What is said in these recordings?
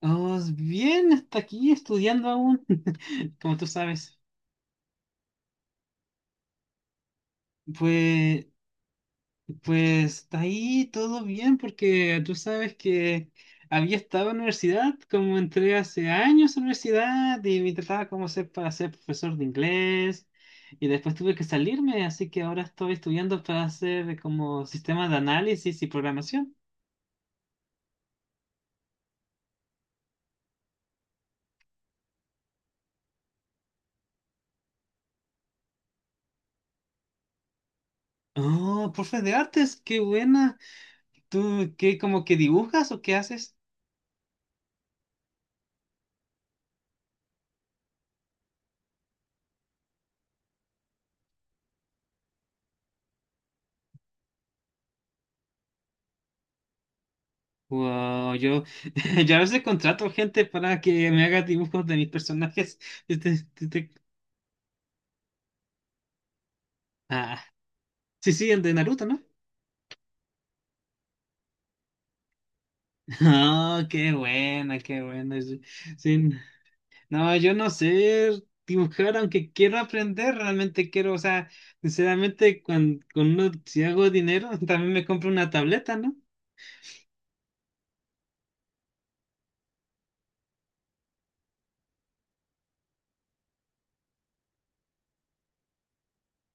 Oh, bien, hasta aquí estudiando aún, como tú sabes. Pues, pues está ahí todo bien, porque tú sabes que había estado en la universidad, como entré hace años a la universidad y me trataba como ser para ser profesor de inglés, y después tuve que salirme, así que ahora estoy estudiando para hacer como sistema de análisis y programación. Oh, profe de artes, qué buena. ¿Tú qué como que dibujas o qué haces? Wow, yo, yo a veces contrato gente para que me haga dibujos de mis personajes. Este, este, este- ah, sí, el de Naruto, ¿no? Ah, qué buena, qué buena. Sí, sí. No, yo no sé dibujar, aunque quiero aprender, realmente quiero, o sea, sinceramente, cuando, si hago dinero, también me compro una tableta, ¿no?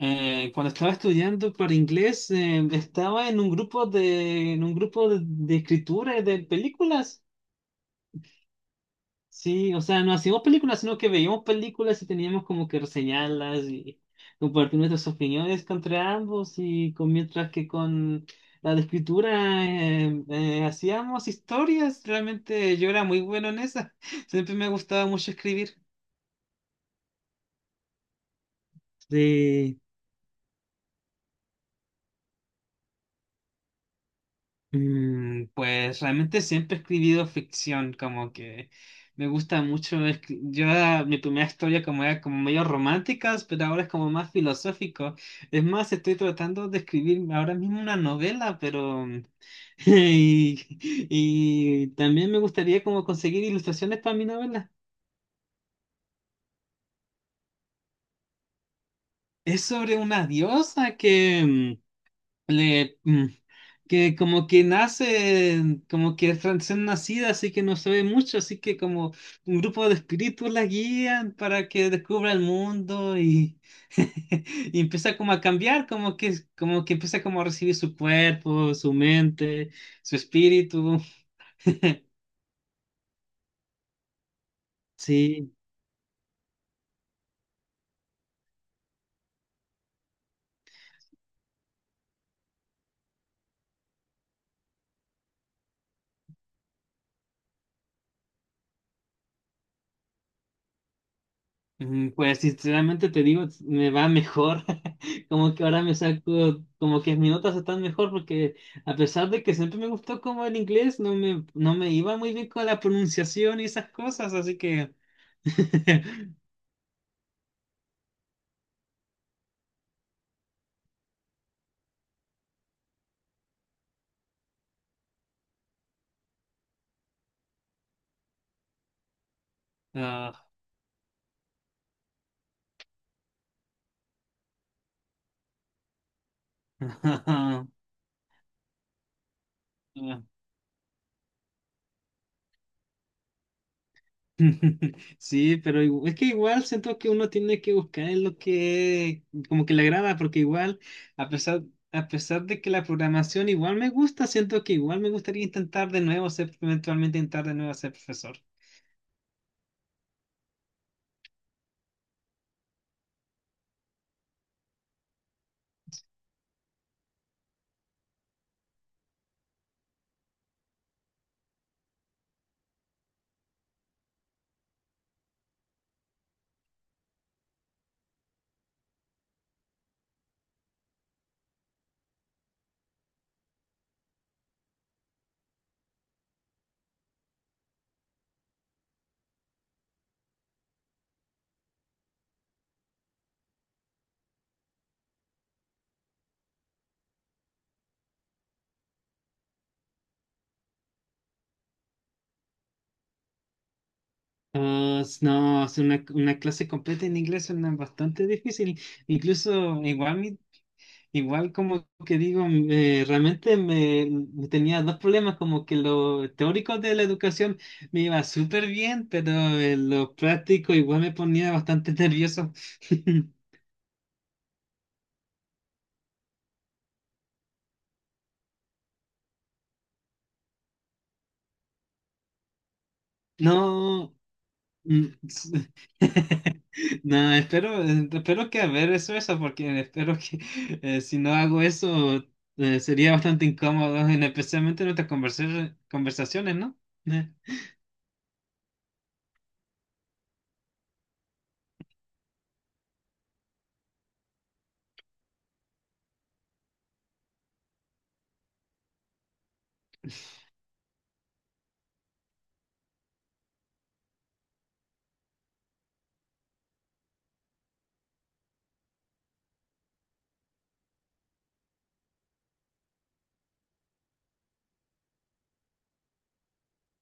Cuando estaba estudiando para inglés, estaba en un grupo de escritura y de películas. Sí, o sea, no hacíamos películas, sino que veíamos películas y teníamos como que reseñarlas y compartir nuestras opiniones contra ambos y con, mientras que con la de escritura hacíamos historias, realmente yo era muy bueno en esa, siempre me gustaba mucho escribir. Pues realmente siempre he escribido ficción, como que me gusta mucho. Mi primera historia como era como medio románticas, pero ahora es como más filosófico. Es más, estoy tratando de escribir ahora mismo una novela, Y, y también me gustaría como conseguir ilustraciones para mi novela. Es sobre una diosa que... mm, le, mm, que como que nace, como que es recién nacida, así que no se ve mucho, así que como un grupo de espíritus la guían para que descubra el mundo y, y empieza como a cambiar, como que empieza como a recibir su cuerpo, su mente, su espíritu. Sí. Pues sinceramente te digo, me va mejor. Como que ahora me saco, como que mis notas están mejor porque a pesar de que siempre me gustó como el inglés, no me iba muy bien con la pronunciación y esas cosas, así que... ah, Sí, pero igu- es que igual siento que uno tiene que buscar en lo que como que le agrada, porque igual a pesar a pesar de que la programación igual me gusta, siento que igual me gustaría intentar de nuevo ser eventualmente intentar de nuevo ser profesor. Ah, s- no, hacer una clase completa en inglés suena bastante difícil. Incluso igual mi, igual como que digo, realmente me tenía dos problemas, como que lo teórico de la educación me iba súper bien, pero lo práctico igual me ponía bastante nervioso. No, s- no, espero, espero que haber eso, eso, porque espero que si no hago eso sería bastante incómodo, en- especialmente en nuestras conversa- conversaciones, ¿no? Eh,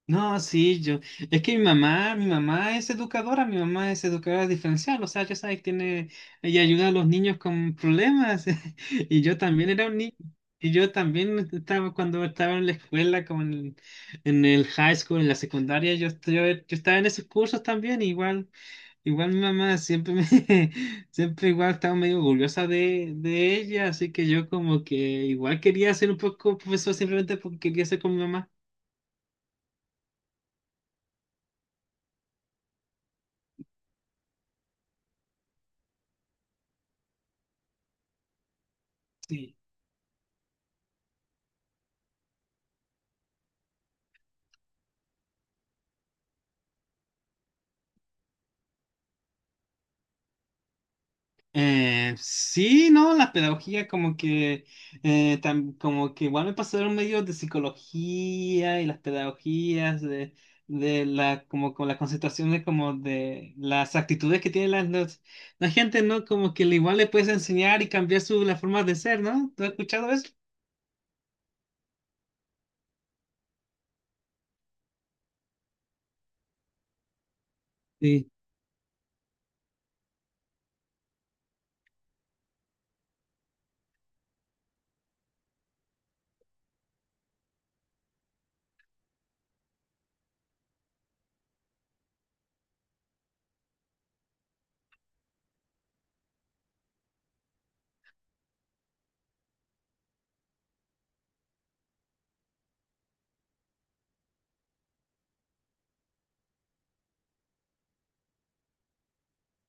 no, sí, yo. Es que mi mamá es educadora, mi mamá es educadora diferencial, o sea, ya sabes, tiene, ella ayuda a los niños con problemas. Y yo también era un niño. Y yo también estaba cuando estaba en la escuela, como en el high school, en la secundaria, yo, yo estaba en esos cursos también, igual, igual mi mamá siempre me, siempre igual estaba medio orgullosa de ella, así que yo como que igual quería ser un poco profesor simplemente porque quería ser con mi mamá. Sí, no, la pedagogía como que tam- como que igual me pasaron medios de psicología y las pedagogías de la como con las concentraciones como de las actitudes que tiene la, las- la gente, ¿no? Como que le- igual le puedes enseñar y cambiar su la forma de ser, ¿no? ¿Tú has escuchado eso? Sí,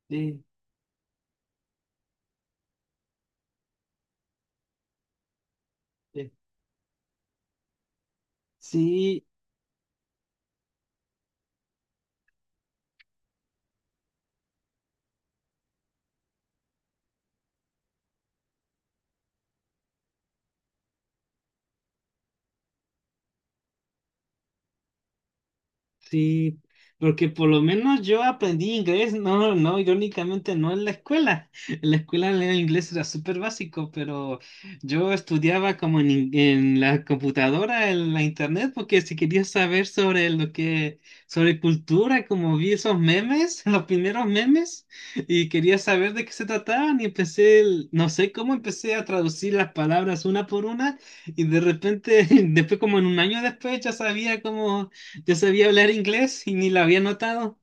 sí, sí. Sí, sí, porque por lo menos yo aprendí inglés, irónicamente no en la escuela. En la escuela el inglés era súper básico, pero yo estudiaba como en, in- en la computadora, en la internet, porque si quería saber sobre lo que, sobre cultura, como vi esos memes, los primeros memes, y quería saber de qué se trataban, y empecé, el- no sé cómo empecé a traducir las palabras una por una, y de repente, después como en un año después, ya sabía cómo yo sabía hablar inglés y ni lo había notado.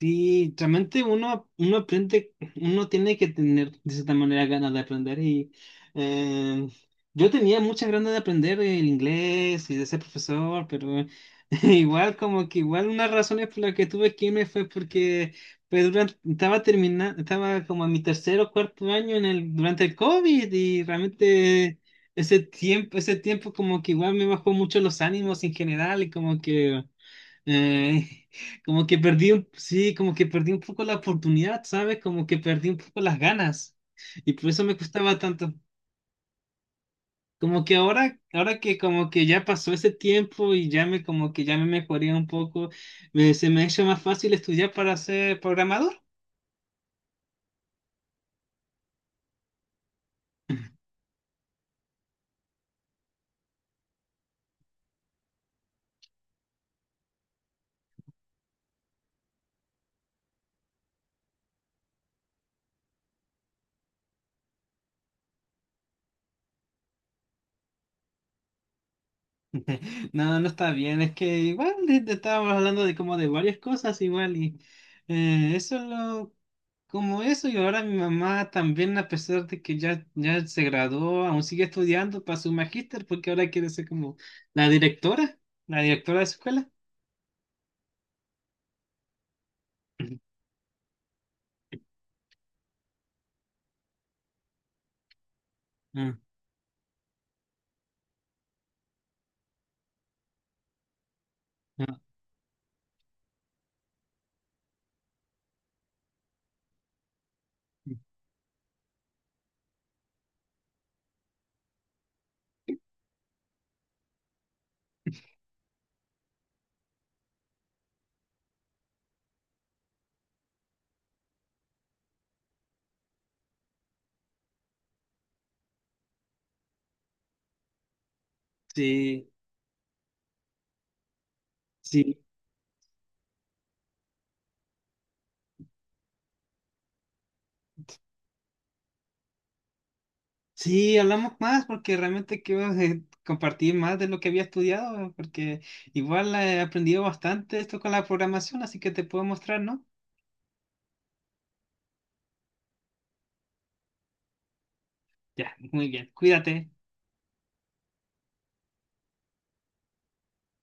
Sí, realmente uno aprende, uno tiene que tener de cierta manera ganas de aprender y eh, yo tenía muchas ganas de aprender el inglés y de ser profesor, pero igual como que igual una razón es por la que tuve que irme fue porque pues, durante- estaba terminando, estaba como en mi tercer o cuarto año en el, durante el COVID y realmente ese tiempo como que igual me bajó mucho los ánimos en general y Eh, como que perdí un, sí, como que perdí un poco la oportunidad, ¿sabes? Como que perdí un poco las ganas. Y por eso me costaba tanto. Como que ahora que como que ya pasó ese tiempo y ya me como que ya me mejoré un poco, me- se me ha hecho más fácil estudiar para ser programador. No, no está bien, es que igual estábamos hablando de como de varias cosas igual y eso lo como eso y ahora mi mamá también a pesar de que ya, ya se graduó, aún sigue estudiando para su magíster porque ahora quiere ser como la directora, la directora de su escuela. Ujú. Ah, ah, sí, sí, sí, hablamos más porque realmente quiero compartir más de lo que había estudiado porque igual he aprendido bastante esto con la programación, así que te puedo mostrar, ¿no? Ya, muy bien. Cuídate.